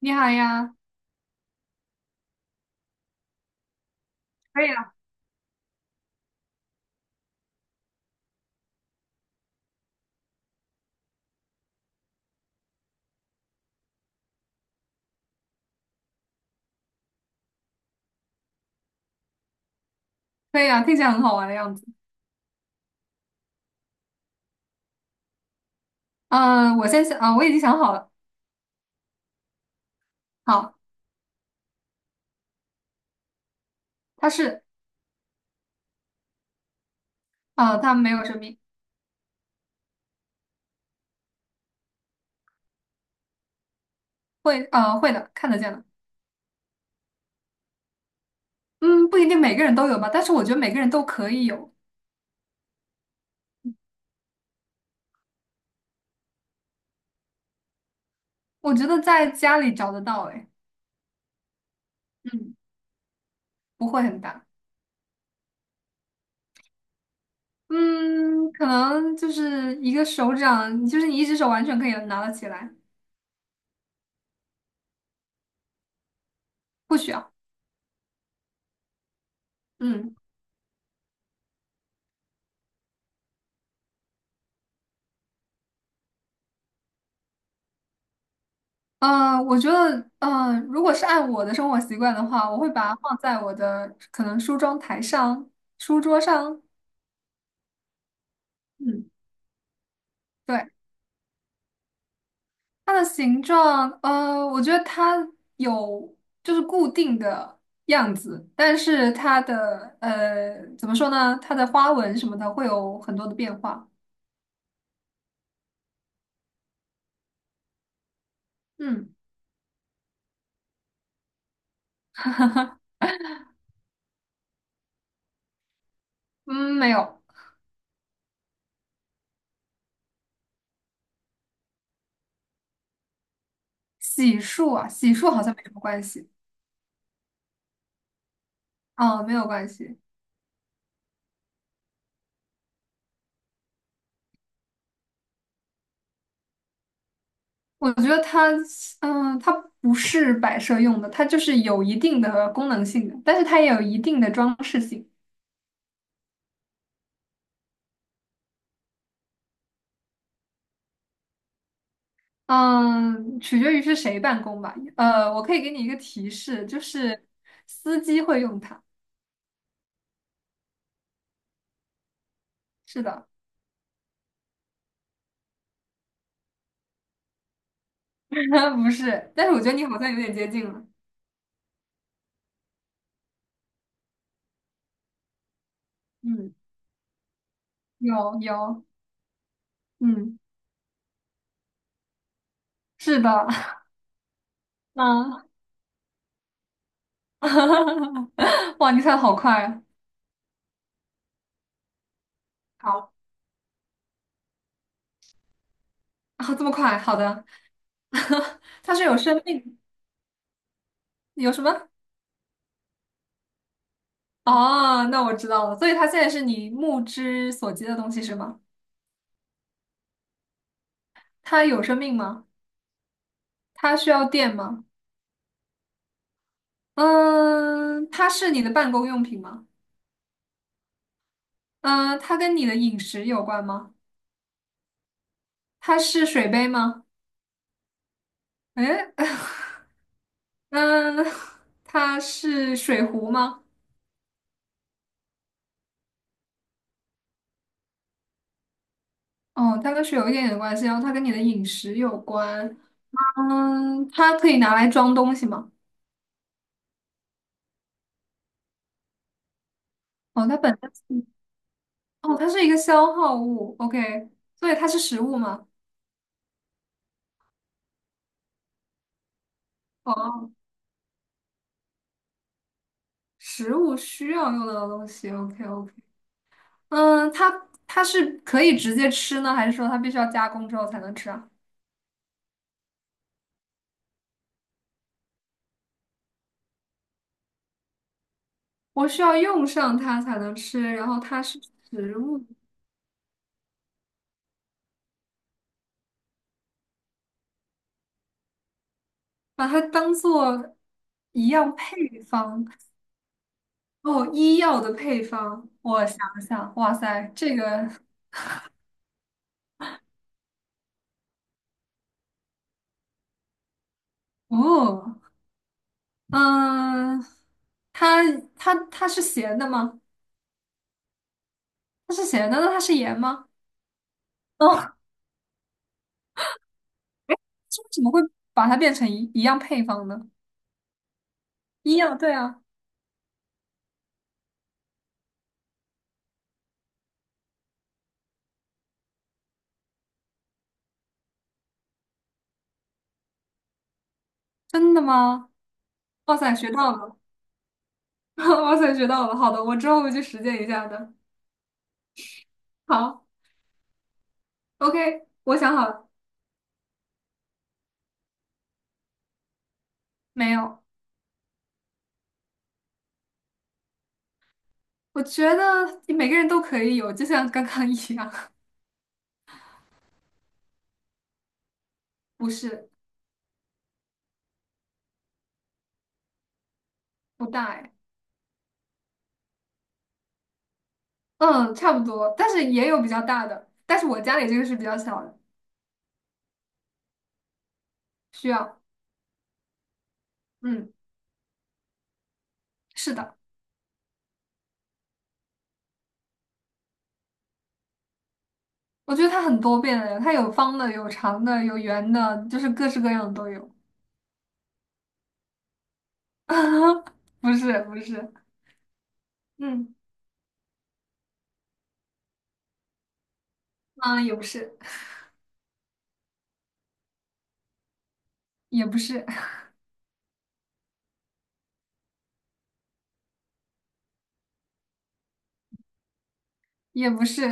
你好呀。可以啊。可以啊，听起来很好玩的样子。嗯我先想啊我已经想好了。好，它是。它没有生命。会，会的，看得见的。嗯，不一定每个人都有吧，但是我觉得每个人都可以有。我觉得在家里找得到，哎。嗯，不会很大。嗯，可能就是一个手掌，就是你一只手完全可以拿得起来。不需要。嗯。我觉得，如果是按我的生活习惯的话，我会把它放在我的可能梳妆台上、书桌上。嗯，对。它的形状，我觉得它有就是固定的样子，但是它的怎么说呢？它的花纹什么的会有很多的变化。嗯嗯，没有。洗漱啊，洗漱好像没什么关系。嗯，没有关系。我觉得它，嗯它不是摆设用的，它就是有一定的功能性的，但是它也有一定的装饰性。嗯，取决于是谁办公吧。我可以给你一个提示，就是司机会用它。是的。不是，但是我觉得你好像有点接近了。嗯，有有。嗯，是的。嗯。哇，你猜的好快啊！好啊，这么快，好的。它是有生命，有什么？哦，那我知道了。所以它现在是你目之所及的东西是吗？它有生命吗？它需要电吗？嗯，它是你的办公用品吗？嗯，它跟你的饮食有关吗？它是水杯吗？诶。嗯，它是水壶吗？哦，它跟水有一点点关系，然后它跟你的饮食有关。嗯，它可以拿来装东西吗？哦，它本身是。哦，它是一个消耗物。OK,所以它是食物吗？哦。食物需要用到的东西，OK OK。嗯，它是可以直接吃呢，还是说它必须要加工之后才能吃啊？我需要用上它才能吃，然后它是食物。把它当做一样配方。哦，医药的配方。我想了想，哇塞，这个。哦。嗯，它是咸的吗？它是咸的，那它是盐吗？哦，这为什么会把它变成一样配方呢？一样，对啊。真的吗？哇塞，学到了！哇塞，学到了！好的，我之后会去实践一下的。好，OK,我想好了。没有。我觉得每个人都可以有，就像刚刚 一样。不是。不大哎。嗯，差不多，但是也有比较大的，但是我家里这个是比较小的。需要。嗯，是的。我觉得它很多变的，它有方的，有长的，有圆的，就是各式各样的都有。不是，不是。嗯。啊，也不是。也不是。也不是。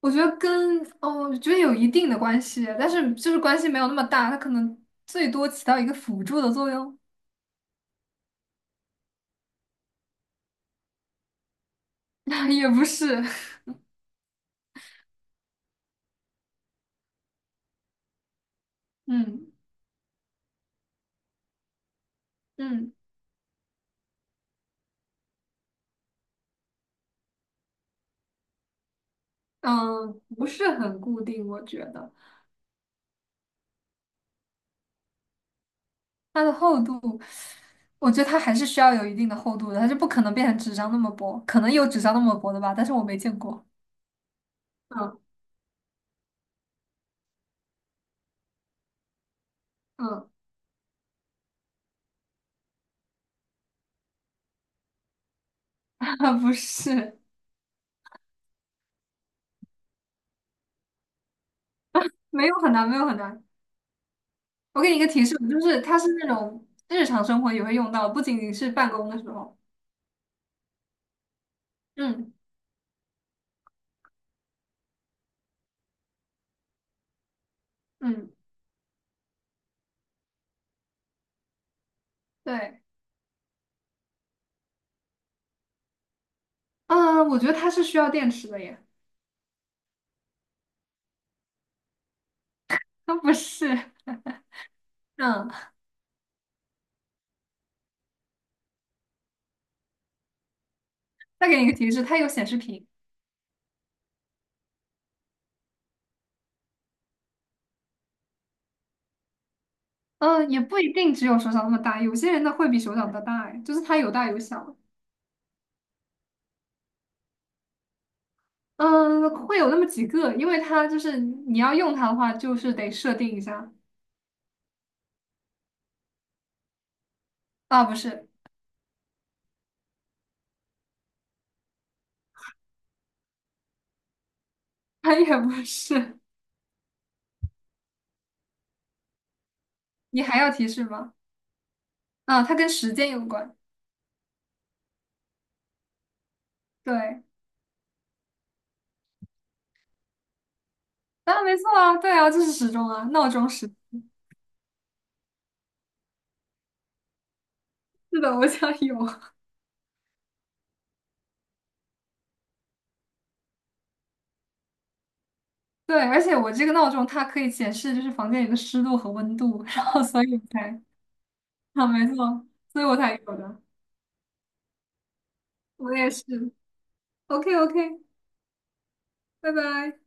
我觉得跟，哦，我觉得有一定的关系，但是就是关系没有那么大，它可能最多起到一个辅助的作用。也不是。嗯嗯嗯，不是很固定，我觉得。它的厚度，我觉得它还是需要有一定的厚度的，它就不可能变成纸张那么薄，可能有纸张那么薄的吧，但是我没见过。嗯嗯。不是。没有很难，没有很难。我给你一个提示，就是它是那种日常生活也会用到，不仅仅是办公的时候。嗯嗯。对。嗯，我觉得它是需要电池的耶。它不是。嗯，再给你一个提示，它有显示屏。嗯，也不一定只有手掌那么大，有些人的会比手掌的大，哎，就是它有大有小。嗯，会有那么几个，因为它就是你要用它的话，就是得设定一下。啊，不是。它也不是。你还要提示吗？啊，它跟时间有关。对。啊，没错啊，对啊，就是时钟啊，闹钟时。是的，我家有。对，而且我这个闹钟它可以显示就是房间里的湿度和温度。然后所以我才，啊，没错，所以我才有的。我也是。OK OK,拜拜。